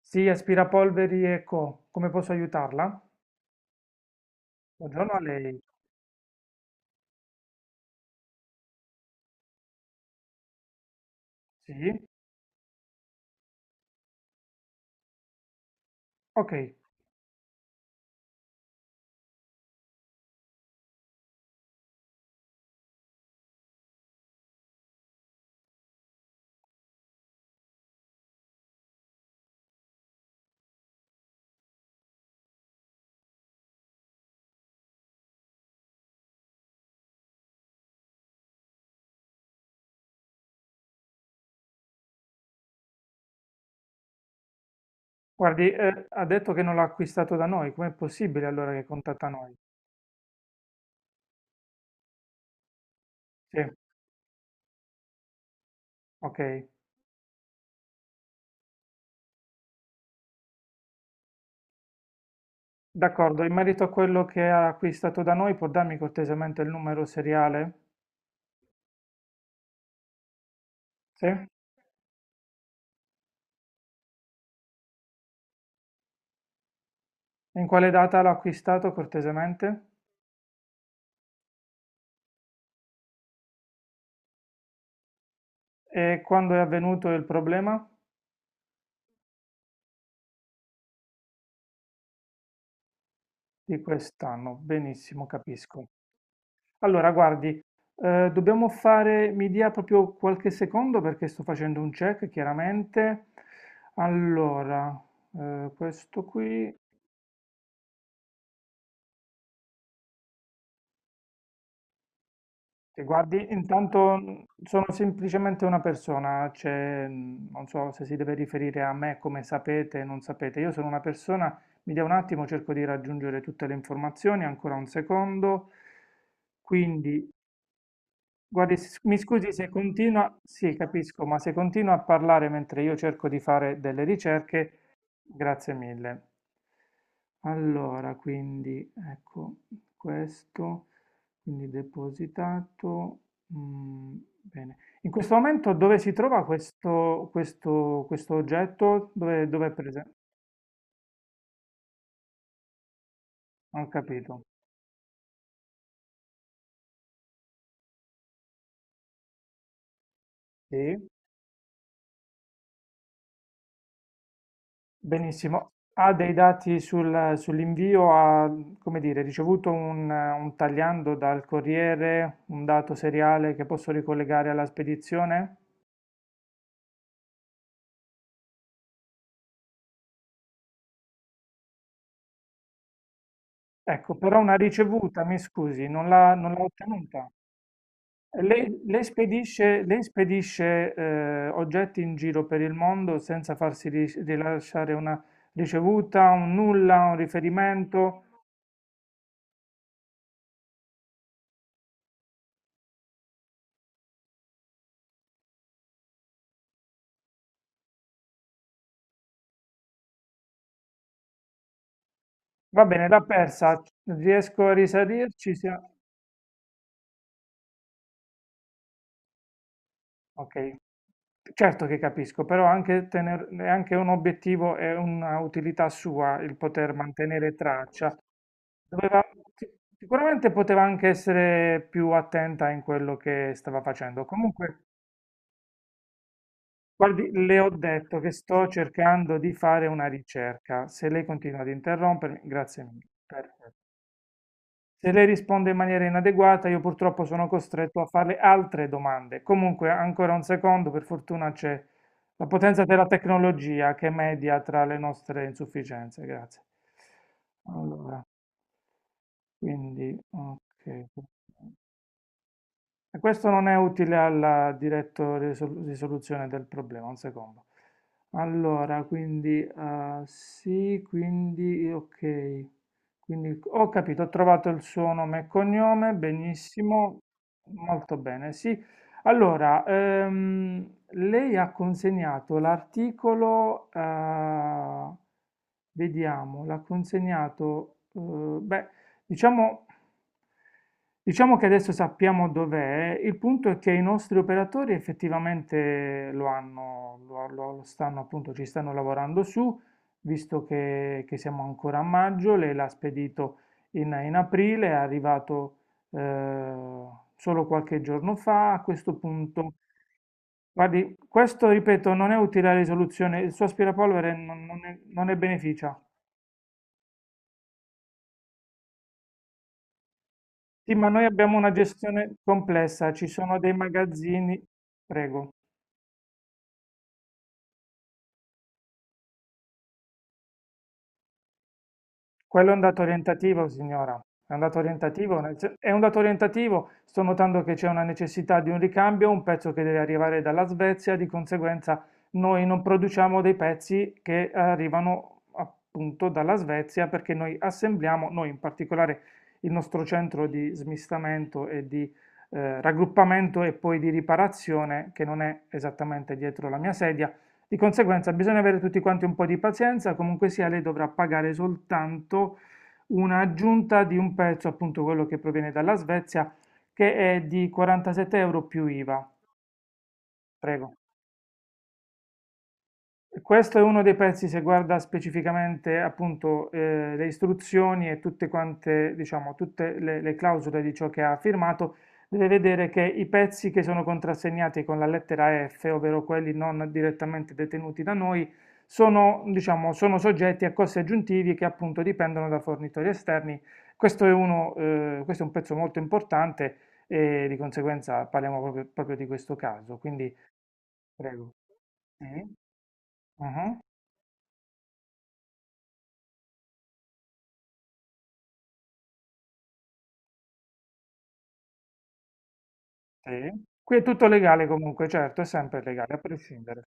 Sì, aspirapolveri e co. Come posso aiutarla? Buongiorno a lei. Sì? Ok. Guardi, ha detto che non l'ha acquistato da noi. Com'è possibile allora che contatta noi? Sì, ok. D'accordo. In merito a quello che ha acquistato da noi, può darmi cortesemente il numero seriale? Sì? In quale data l'ha acquistato cortesemente? E quando è avvenuto il problema? Di quest'anno. Benissimo, capisco. Allora, guardi, dobbiamo fare, mi dia proprio qualche secondo perché sto facendo un check, chiaramente. Allora, questo qui, e guardi, intanto, sono semplicemente una persona, cioè, non so se si deve riferire a me come sapete, non sapete, io sono una persona, mi dia un attimo, cerco di raggiungere tutte le informazioni, ancora un secondo. Quindi Guardi, mi scusi se continua, sì, capisco, ma se continua a parlare mentre io cerco di fare delle ricerche, grazie mille. Allora, quindi, ecco, questo, quindi depositato, mm, bene. In questo momento dove si trova questo oggetto? Dove è presente? Non ho capito. Sì. Benissimo, ha dei dati sull'invio, ha, come dire, ricevuto un tagliando dal corriere, un dato seriale che posso ricollegare alla spedizione? Ecco, però una ricevuta, mi scusi, non l'ha ottenuta. Lei spedisce, oggetti in giro per il mondo senza farsi rilasciare una ricevuta, un nulla, un riferimento? Va bene, l'ha persa, riesco a risalirci? Ok, certo che capisco, però anche è anche un obiettivo e una utilità sua il poter mantenere traccia. Doveva- Sicuramente poteva anche essere più attenta in quello che stava facendo. Comunque, guardi, le ho detto che sto cercando di fare una ricerca. Se lei continua ad interrompermi, grazie mille. Perfetto. Se lei risponde in maniera inadeguata, io purtroppo sono costretto a farle altre domande. Comunque, ancora un secondo, per fortuna c'è la potenza della tecnologia che media tra le nostre insufficienze. Grazie. Allora, quindi, ok. E questo non è utile alla diretta risoluzione del problema, un secondo. Allora, quindi, sì, quindi ok. Quindi ho capito, ho trovato il suo nome e cognome, benissimo, molto bene, sì. Allora, lei ha consegnato l'articolo, vediamo, l'ha consegnato, beh, diciamo... Diciamo che adesso sappiamo dov'è, il punto è che i nostri operatori effettivamente lo hanno, lo stanno appunto, ci stanno lavorando su, visto che siamo ancora a maggio, lei l'ha spedito in aprile, è arrivato eh, solo qualche giorno fa, a questo punto, guardi, questo ripeto non è utile la risoluzione, il suo aspirapolvere non ne beneficia. Sì, ma noi abbiamo una gestione complessa, ci sono dei magazzini, prego. Quello è un dato orientativo, signora. È un dato orientativo, è un dato orientativo. Sto notando che c'è una necessità di un ricambio, un pezzo che deve arrivare dalla Svezia, di conseguenza noi non produciamo dei pezzi che arrivano appunto dalla Svezia perché noi assembliamo, noi in particolare il nostro centro di smistamento e di raggruppamento e poi di riparazione, che non è esattamente dietro la mia sedia, di conseguenza bisogna avere tutti quanti un po' di pazienza, comunque sia lei dovrà pagare soltanto un'aggiunta di un pezzo, appunto quello che proviene dalla Svezia, che è di 47 euro più IVA. Prego. Questo è uno dei pezzi, se guarda specificamente appunto le istruzioni e tutte quante, diciamo, tutte le clausole di ciò che ha firmato, deve vedere che i pezzi che sono contrassegnati con la lettera F, ovvero quelli non direttamente detenuti da noi, sono, diciamo, sono soggetti a costi aggiuntivi che appunto dipendono da fornitori esterni. Questo è un pezzo molto importante e di conseguenza parliamo proprio, proprio di questo caso. Quindi prego. Sì. Uh-huh. Sì. Qui è tutto legale comunque, certo, è sempre legale, a prescindere.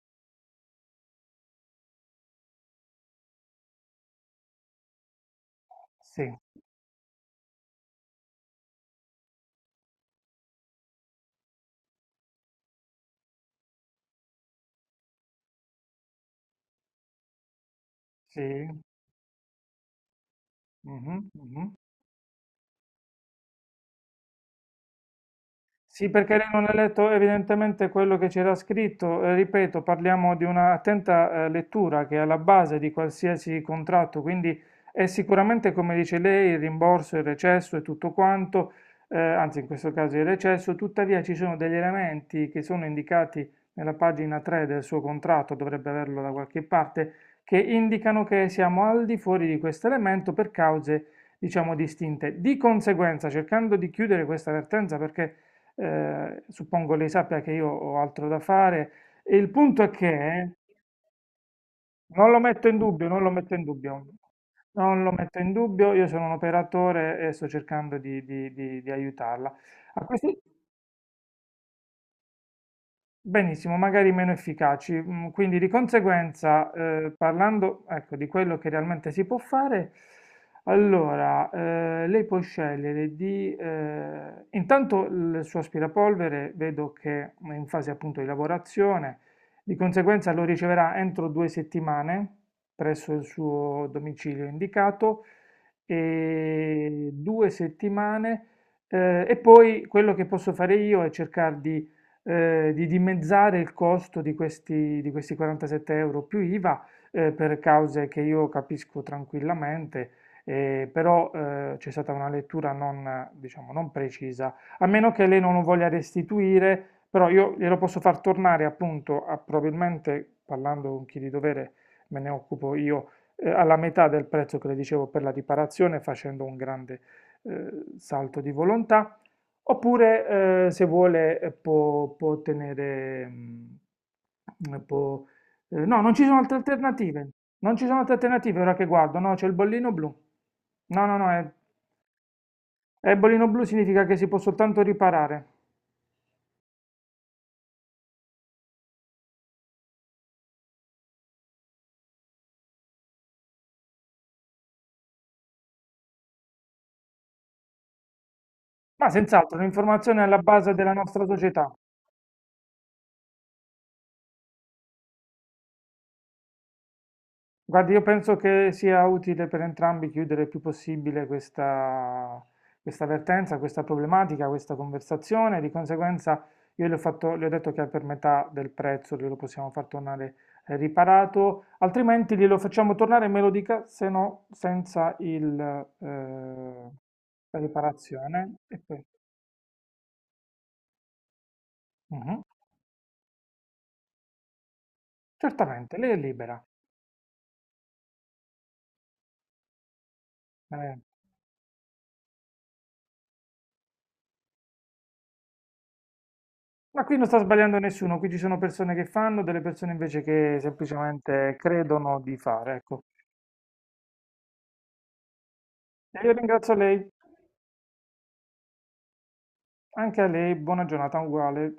Sì, sì. Mhm, mhm. Sì, perché lei non ha letto evidentemente quello che c'era scritto. Ripeto, parliamo di un'attenta lettura che è alla base di qualsiasi contratto, quindi è sicuramente, come dice lei, il rimborso, il recesso e tutto quanto, anzi in questo caso il recesso, tuttavia ci sono degli elementi che sono indicati nella pagina 3 del suo contratto, dovrebbe averlo da qualche parte, che indicano che siamo al di fuori di questo elemento per cause, diciamo, distinte. Di conseguenza, cercando di chiudere questa vertenza perché suppongo lei sappia che io ho altro da fare. E il punto è che non lo metto in dubbio, non lo metto in dubbio, non lo metto in dubbio, io sono un operatore e sto cercando di aiutarla. A questi- Benissimo, magari meno efficaci. Quindi di conseguenza, parlando, ecco, di quello che realmente si può fare, allora, lei può scegliere di... intanto il suo aspirapolvere vedo che è in fase appunto di lavorazione, di conseguenza lo riceverà entro 2 settimane presso il suo domicilio indicato e 2 settimane... E poi quello che posso fare io è cercare di dimezzare il costo di questi 47 euro più IVA, per cause che io capisco tranquillamente, però c'è stata una lettura non, diciamo, non precisa, a meno che lei non lo voglia restituire, però io glielo posso far tornare appunto, probabilmente parlando con chi di dovere me ne occupo io, alla metà del prezzo che le dicevo per la riparazione, facendo un grande salto di volontà. Oppure, se vuole, può tenere... no, non ci sono altre alternative. Non ci sono altre alternative ora che guardo. No, c'è il bollino blu. No, no, no, è il bollino blu significa che si può soltanto riparare. Ma senz'altro, è un'informazione alla base della nostra società. Guardi, io penso che sia utile per entrambi chiudere il più possibile questa vertenza, questa problematica, questa conversazione. Di conseguenza, io le ho fatto- le ho detto che è per metà del prezzo glielo possiamo far tornare riparato, altrimenti glielo facciamo tornare, me lo dica, se no senza la riparazione. Mhm. Certamente, lei è libera. Eh, Ma qui non sta sbagliando nessuno, qui ci sono persone che fanno, delle persone invece che semplicemente credono di fare, ecco. E io ringrazio lei, anche a lei, buona giornata uguale.